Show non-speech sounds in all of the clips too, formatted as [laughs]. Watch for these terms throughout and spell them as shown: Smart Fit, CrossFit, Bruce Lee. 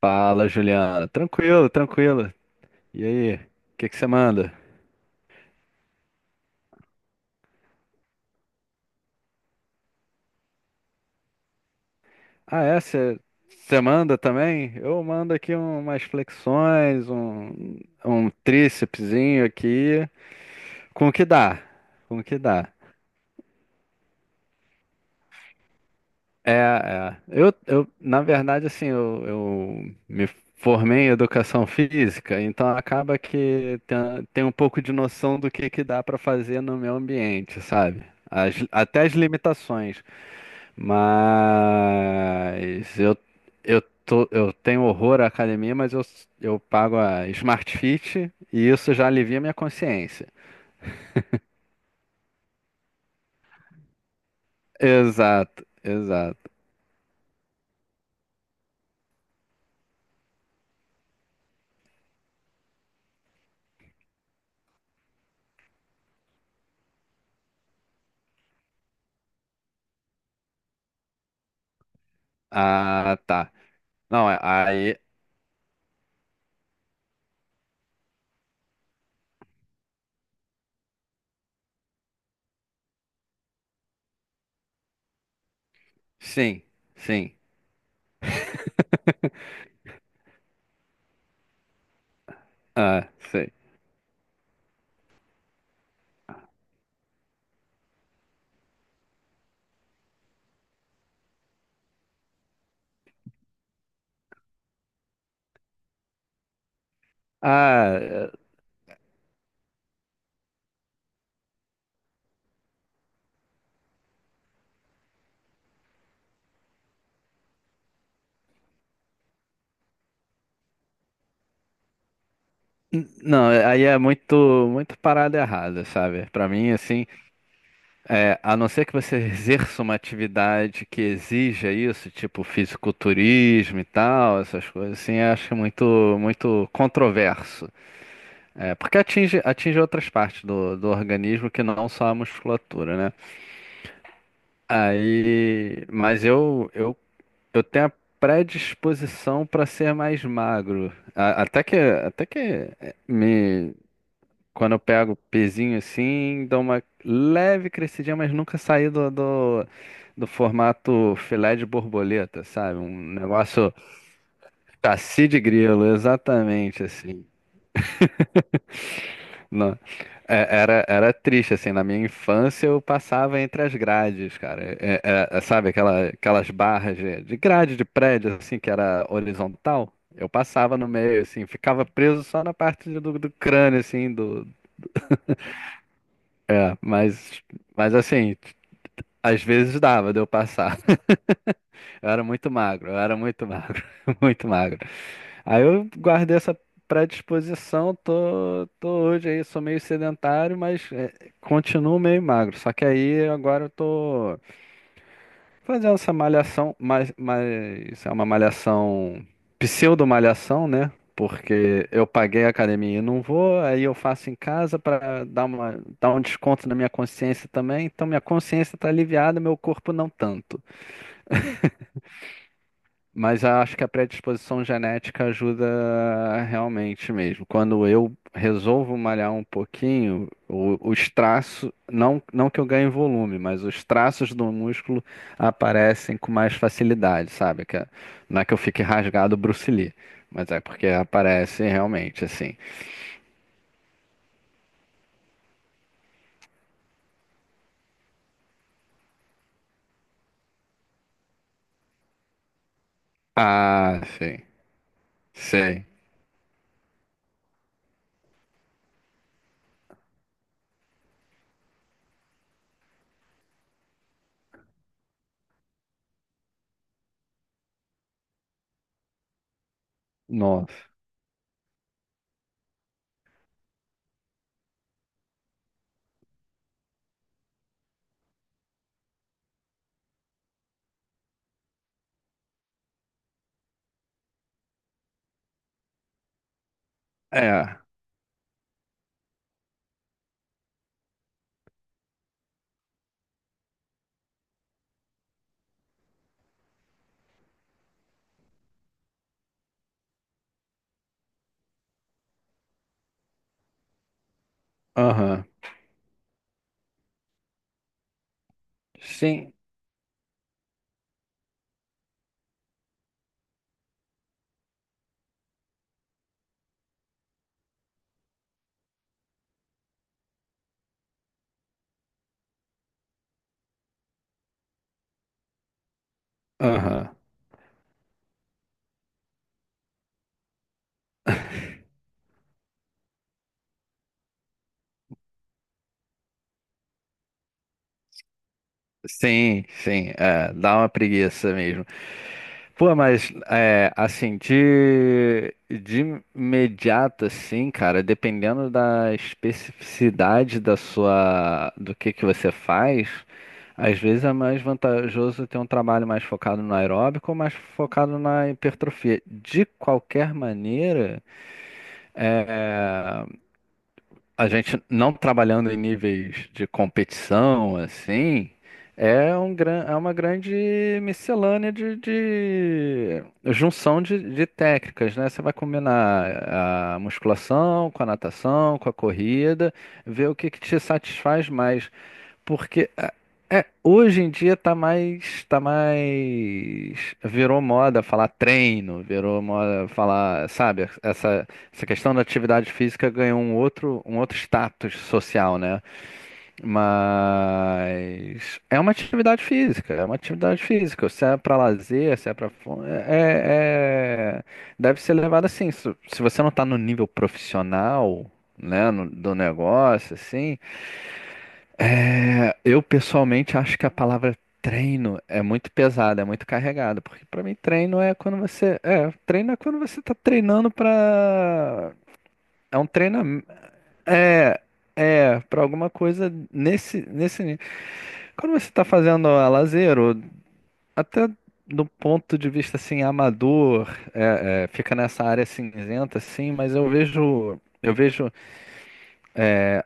Fala, Juliana. Tranquilo, tranquilo. E aí, o que que você manda? Ah, é? Você manda também? Eu mando aqui umas flexões, um trícepsinho aqui, com o que dá, com o que dá. É, é. Eu, na verdade, assim, eu me formei em educação física, então acaba que tem um pouco de noção do que dá para fazer no meu ambiente, sabe? Até as limitações. Mas eu, eu tenho horror à academia, mas eu pago a Smart Fit e isso já alivia minha consciência. Exato, exato. Ah, tá. Não, aí. Sim, sim. Ah, sim. Ah, é, não, aí é muito, muito parada errada, sabe? Pra mim, assim, é, a não ser que você [laughs] exerça uma atividade que exija isso, tipo fisiculturismo e tal, essas coisas assim, eu acho muito, muito controverso. É, porque atinge outras partes do organismo que não só a musculatura, né? Aí, mas eu tenho a predisposição para ser mais magro. Me, Quando eu pego o pezinho assim, dou uma leve crescidinha, mas nunca saí do formato filé de borboleta, sabe? Um negócio cacio de grilo, exatamente assim. Não, era triste, assim, na minha infância eu passava entre as grades, cara. Sabe aquelas barras de grade de prédio, assim, que era horizontal? Eu passava no meio, assim, ficava preso só na parte do crânio, assim, da- mas, mas assim. Às vezes dava de eu passar. Eu era muito magro, eu era muito magro, [laughs] muito magro. Aí eu guardei essa predisposição, tô hoje aí, sou meio sedentário, mas é, continuo meio magro. Só que aí agora eu tô fazendo essa malhação, mas é uma malhação, pseudo-malhação, né? Porque eu paguei a academia e não vou, aí eu faço em casa para dar um desconto na minha consciência também. Então minha consciência tá aliviada, meu corpo não tanto. Mas eu acho que a predisposição genética ajuda realmente mesmo. Quando eu resolvo malhar um pouquinho, os traços, não que eu ganhe volume, mas os traços do músculo aparecem com mais facilidade, sabe? Não é que eu fique rasgado Bruce Lee, mas é porque aparece realmente assim. Ah, sim, sei. Nossa. É, aham. Sim, aham. Sim, sim, é, dá uma preguiça mesmo. Pô, mas é, assim, de imediato, assim, cara, dependendo da especificidade do que você faz, às vezes é mais vantajoso ter um trabalho mais focado no aeróbico ou mais focado na hipertrofia. De qualquer maneira, a gente não trabalhando em níveis de competição, assim, é uma grande miscelânea de, junção de técnicas, né? Você vai combinar a musculação com a natação, com a corrida, ver o que que te satisfaz mais. Porque hoje em dia tá mais, virou moda falar treino, virou moda falar, sabe, essa questão da atividade física ganhou um outro status social, né? Mas é uma atividade física, é uma atividade física. Se é para lazer, se é para, é, é- é, deve ser levado assim. Se você não tá no nível profissional, né, do negócio, assim, eu pessoalmente acho que a palavra treino é muito pesada, é muito carregada, porque pra mim treino é treino é quando você tá treinando pra. É um treinamento, é, para alguma coisa nesse nível. Quando você tá fazendo a lazer, ou até do ponto de vista assim amador, fica nessa área cinzenta assim, mas eu vejo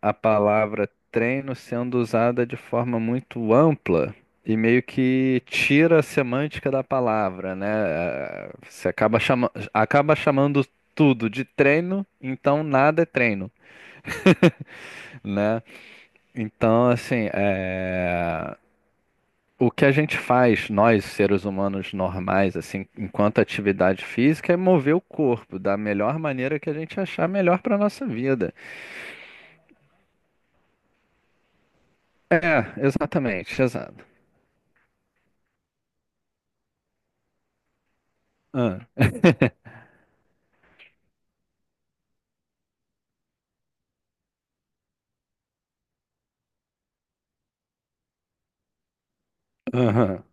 a palavra treino sendo usada de forma muito ampla e meio que tira a semântica da palavra, né? Você acaba chamando tudo de treino, então nada é treino, né? Então, assim, o que a gente faz, nós, seres humanos normais, assim, enquanto atividade física, é mover o corpo da melhor maneira que a gente achar melhor para nossa vida. É, exatamente, exato. Ah, aham,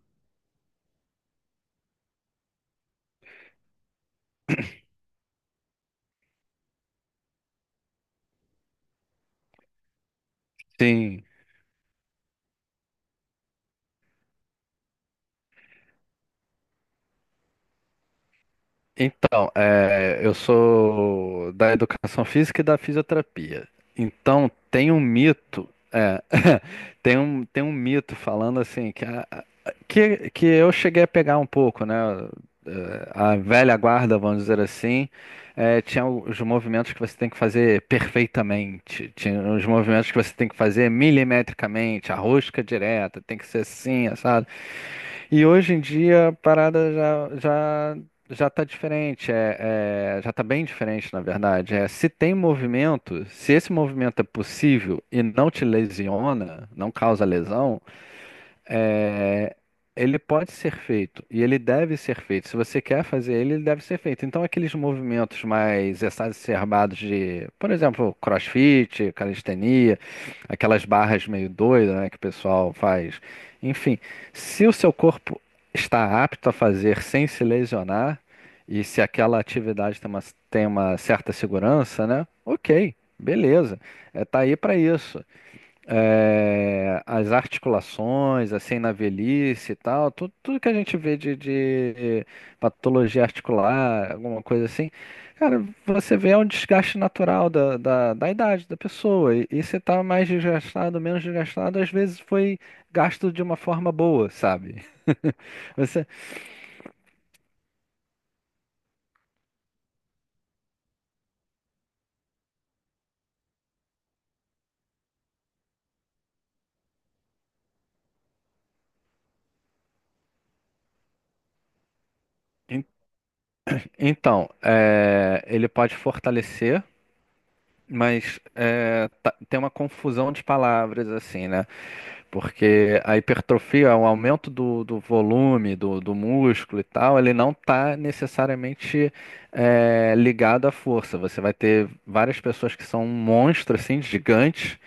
sim. Então, eu sou da educação física e da fisioterapia. Então, tem um mito, [laughs] tem um mito falando assim que, que eu cheguei a pegar um pouco, né? A velha guarda, vamos dizer assim, tinha os movimentos que você tem que fazer perfeitamente, tinha os movimentos que você tem que fazer milimetricamente, a rosca direta, tem que ser assim, sabe? E hoje em dia a parada já tá diferente, já tá bem diferente, na verdade. Se tem movimento, se esse movimento é possível e não te lesiona, não causa lesão, é, ele pode ser feito e ele deve ser feito. Se você quer fazer ele, ele deve ser feito. Então, aqueles movimentos mais exacerbados de, por exemplo, CrossFit, calistenia, aquelas barras meio doidas, né, que o pessoal faz. Enfim, se o seu corpo está apto a fazer sem se lesionar e se aquela atividade tem uma, certa segurança, né? Ok, beleza. Tá aí para isso as articulações, assim, na velhice e tal, tudo, tudo que a gente vê de patologia articular, alguma coisa assim, cara, você vê é um desgaste natural da idade da pessoa. E você tá mais desgastado, menos desgastado, às vezes foi gasto de uma forma boa, sabe? [laughs] Você, en- então, ele pode fortalecer, mas tem uma confusão de palavras, assim, né? Porque a hipertrofia, o aumento do volume do músculo e tal, ele não está necessariamente ligado à força. Você vai ter várias pessoas que são monstros assim, gigantes,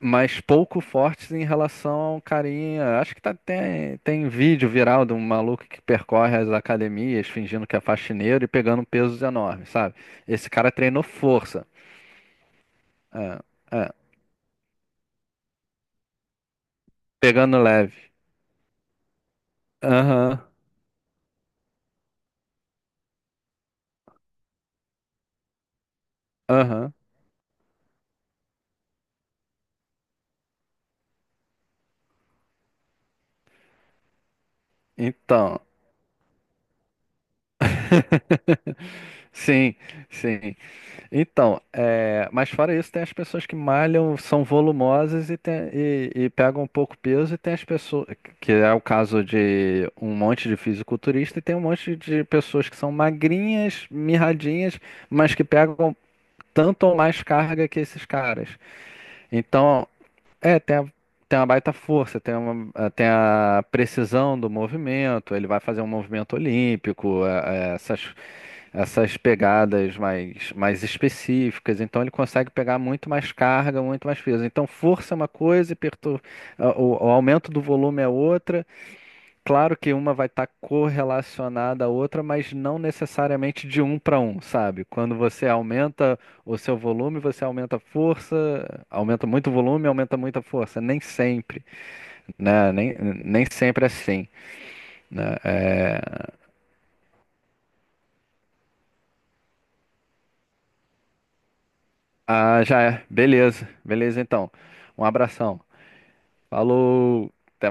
mas pouco fortes em relação ao carinha. Acho que tem vídeo viral de um maluco que percorre as academias fingindo que é faxineiro e pegando pesos enormes, sabe? Esse cara treinou força. É, é, Pegando leve. Aham, aham. Então. [laughs] Sim, sim. Então, mas fora isso, tem as pessoas que malham, são volumosas e pegam um pouco peso, e tem as pessoas, que é o caso de um monte de fisiculturista, e tem um monte de pessoas que são magrinhas, mirradinhas, mas que pegam tanto ou mais carga que esses caras. Então, é, tem a, tem uma baita força, tem a precisão do movimento, ele vai fazer um movimento olímpico, essas pegadas mais específicas, então ele consegue pegar muito mais carga, muito mais peso. Então, força é uma coisa, e o aumento do volume é outra. Claro que uma vai estar correlacionada à outra, mas não necessariamente de um para um, sabe? Quando você aumenta o seu volume, você aumenta a força, aumenta muito o volume, aumenta muito a força. Nem sempre, né? Nem sempre é assim, né? Ah, já é. Beleza, beleza então. Um abração. Falou, até mais.